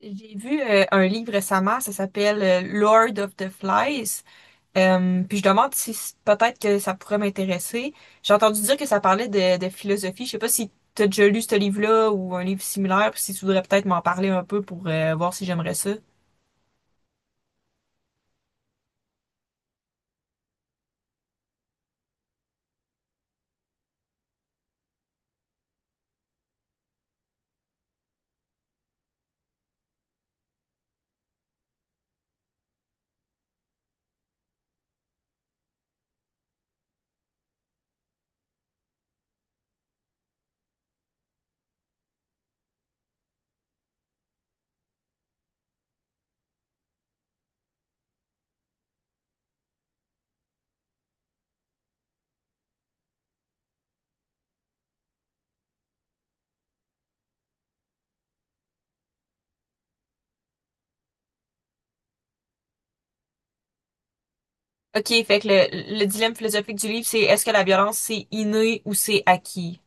J'ai vu un livre récemment, ça s'appelle Lord of the Flies. Puis je demande si peut-être que ça pourrait m'intéresser. J'ai entendu dire que ça parlait de philosophie. Je sais pas si tu as déjà lu ce livre-là ou un livre similaire, puis si tu voudrais peut-être m'en parler un peu pour voir si j'aimerais ça. OK, fait que le dilemme philosophique du livre, c'est est-ce que la violence c'est inné ou c'est acquis?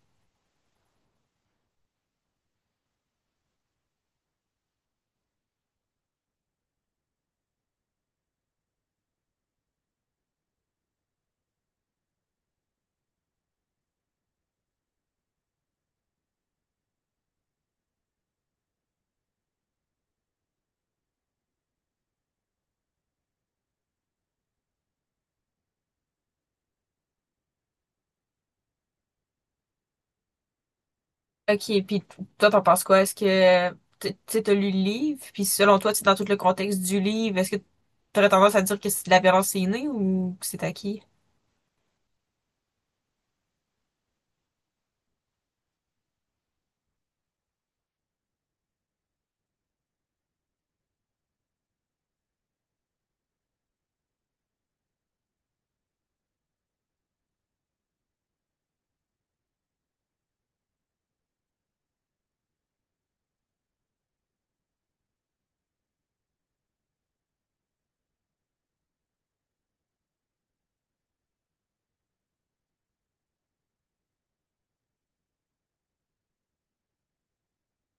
OK, puis toi, t'en penses quoi? Tu sais, t'as lu le livre, puis selon toi, tu sais, dans tout le contexte du livre, est-ce que t'aurais tendance à dire que c'est de la violence est innée ou que c'est acquis?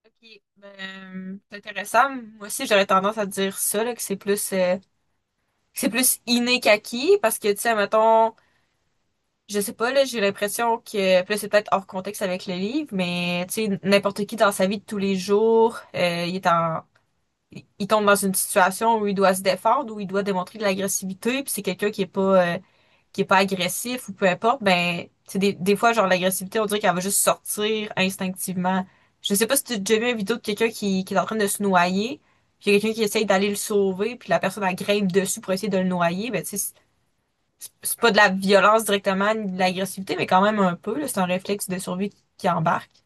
OK, ben, c'est intéressant. Moi aussi, j'aurais tendance à dire ça, là, que c'est plus inné qu'acquis, parce que, tu sais, mettons, je sais pas, là, j'ai l'impression que, puis là, c'est peut-être hors contexte avec le livre, mais, tu sais, n'importe qui dans sa vie de tous les jours, il tombe dans une situation où il doit se défendre, où il doit démontrer de l'agressivité, puis c'est quelqu'un qui est pas agressif ou peu importe, ben c'est des fois genre l'agressivité, on dirait qu'elle va juste sortir instinctivement. Je sais pas si tu as déjà vu une vidéo de quelqu'un qui est en train de se noyer, puis il y a quelqu'un qui essaye d'aller le sauver, puis la personne elle grimpe dessus pour essayer de le noyer, ben tu sais c'est pas de la violence directement, ni de l'agressivité, mais quand même un peu là, c'est un réflexe de survie qui embarque.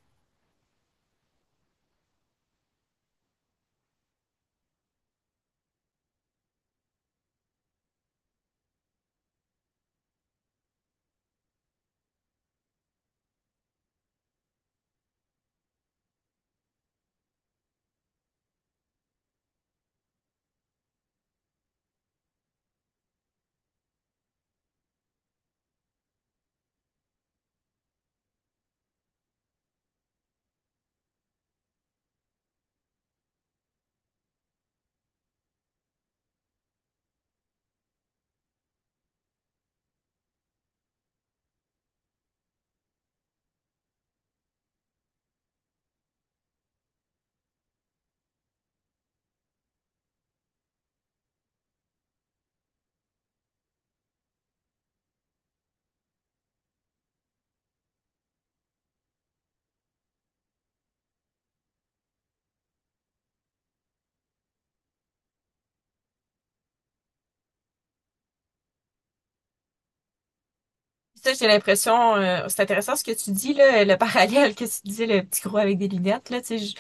Ça, j'ai l'impression, c'est intéressant ce que tu dis, là, le parallèle que tu disais, le petit gros avec des lunettes, là, tu sais,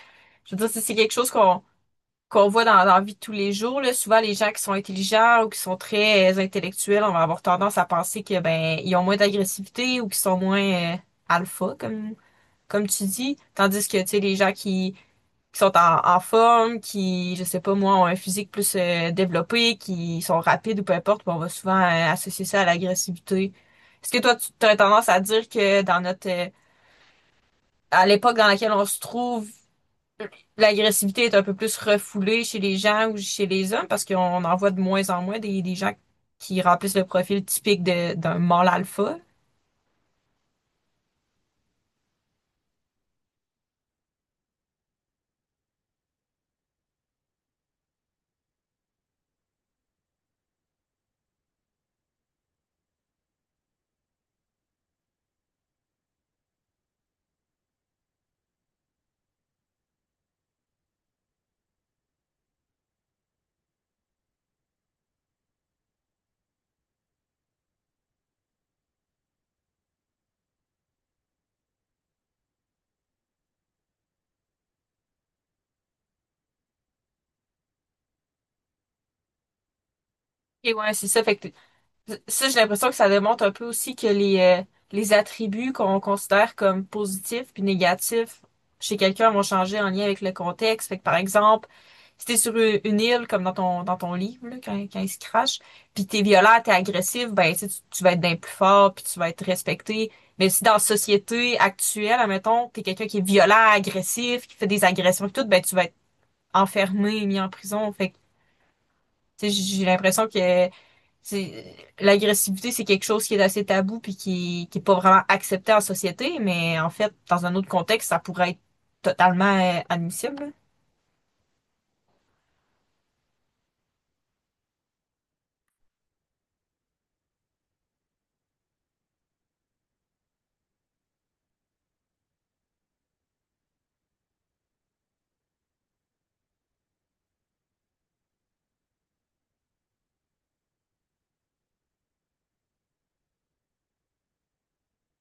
je veux dire, c'est quelque chose qu'on voit dans la vie de tous les jours, là. Souvent, les gens qui sont intelligents ou qui sont très intellectuels, on va avoir tendance à penser que, ben, ils ont moins d'agressivité ou qu'ils sont moins alpha, comme tu dis. Tandis que, tu sais, les gens qui sont en forme, qui, je sais pas moi, ont un physique plus développé, qui sont rapides ou peu importe, puis on va souvent associer ça à l'agressivité. Est-ce que toi, tu as tendance à dire que dans notre, à l'époque dans laquelle on se trouve, l'agressivité est un peu plus refoulée chez les gens ou chez les hommes parce qu'on en voit de moins en moins des gens qui remplissent le profil typique d'un mâle alpha? Et ouais, c'est ça. Fait que ça, j'ai l'impression que ça démontre un peu aussi que les attributs qu'on considère comme positifs puis négatifs chez quelqu'un vont changer en lien avec le contexte. Fait que, par exemple, si t'es sur une île, comme dans ton livre, là, quand il se crache, puis t'es violent, t'es agressif, ben, sais, tu vas être d'un plus fort, puis tu vas être respecté. Mais si dans la société actuelle, admettons, t'es quelqu'un qui est violent, agressif, qui fait des agressions et tout, ben, tu vas être enfermé, mis en prison. Fait que tu sais, j'ai l'impression que l'agressivité, c'est quelque chose qui est assez tabou puis qui est pas vraiment accepté en société, mais en fait, dans un autre contexte, ça pourrait être totalement admissible.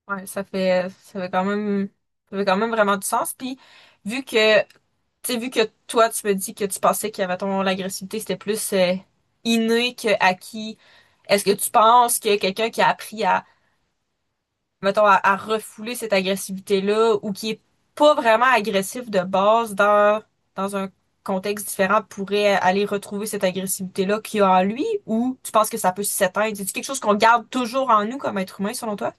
Là, ouais, ça fait quand même vraiment du sens. Puis, vu que, tu vu que toi, tu me dis que tu pensais qu'il y avait ton l'agressivité, c'était plus inné que acquis, est-ce que tu penses que quelqu'un qui a appris à mettons, à refouler cette agressivité-là ou qui est pas vraiment agressif de base dans un contexte différent pourrait aller retrouver cette agressivité-là qu'il y a en lui ou tu penses que ça peut s'éteindre? C'est-tu quelque chose qu'on garde toujours en nous comme être humain selon toi?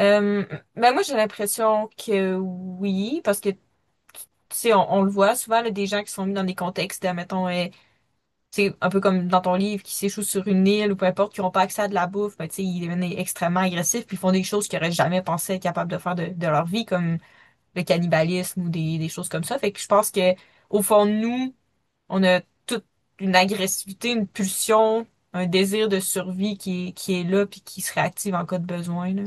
Euh, ben moi j'ai l'impression que oui, parce que tu sais, on le voit souvent là, des gens qui sont mis dans des contextes, mettons, c'est un peu comme dans ton livre, qui s'échouent sur une île ou peu importe, qui n'ont pas accès à de la bouffe, ben, tu sais, ils deviennent extrêmement agressifs, puis ils font des choses qu'ils n'auraient jamais pensé être capables de faire de leur vie, comme le cannibalisme ou des choses comme ça. Fait que je pense que au fond de nous, on a toute une agressivité, une pulsion, un désir de survie qui est là, puis qui se réactive en cas de besoin, là.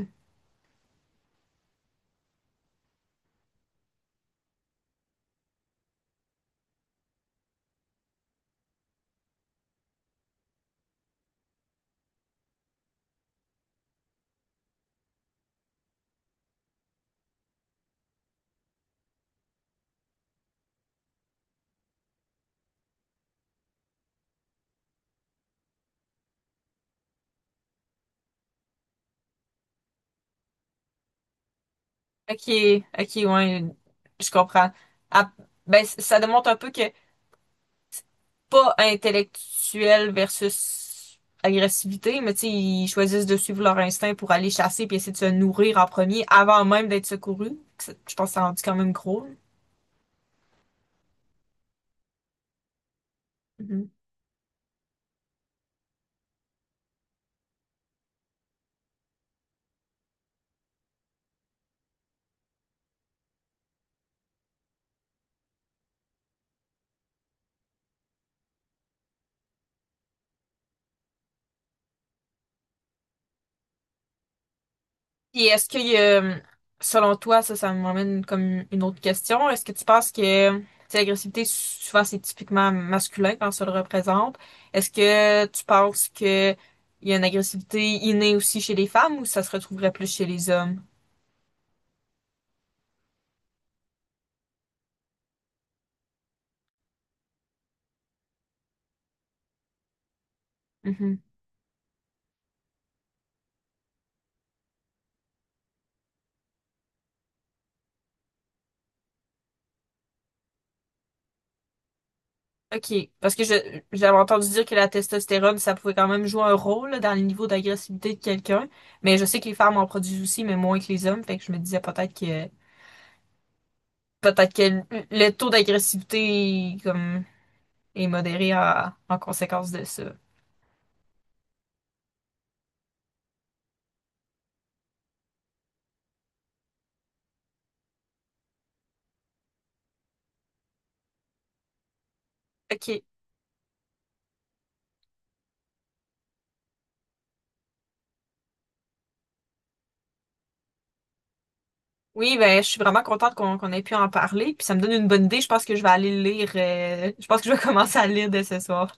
Ok, ok, ouais, je comprends. Ah, ben, ça démontre un peu que pas intellectuel versus agressivité, mais tu sais, ils choisissent de suivre leur instinct pour aller chasser puis essayer de se nourrir en premier avant même d'être secourus. Je pense que ça rendu quand même gros. Mhm. Et selon toi, ça m'amène comme une autre question. Est-ce que tu penses que, tu sais, l'agressivité, souvent, c'est typiquement masculin quand ça le représente. Est-ce que tu penses que il y a une agressivité innée aussi chez les femmes ou ça se retrouverait plus chez les hommes? OK. Parce que je j'avais entendu dire que la testostérone, ça pouvait quand même jouer un rôle là, dans les niveaux d'agressivité de quelqu'un. Mais je sais que les femmes en produisent aussi, mais moins que les hommes. Fait que je me disais peut-être que le taux d'agressivité comme est modéré en conséquence de ça. OK. Oui, ben je suis vraiment contente qu'on ait pu en parler. Puis ça me donne une bonne idée. Je pense que je vais aller le lire. Je pense que je vais commencer à le lire dès ce soir.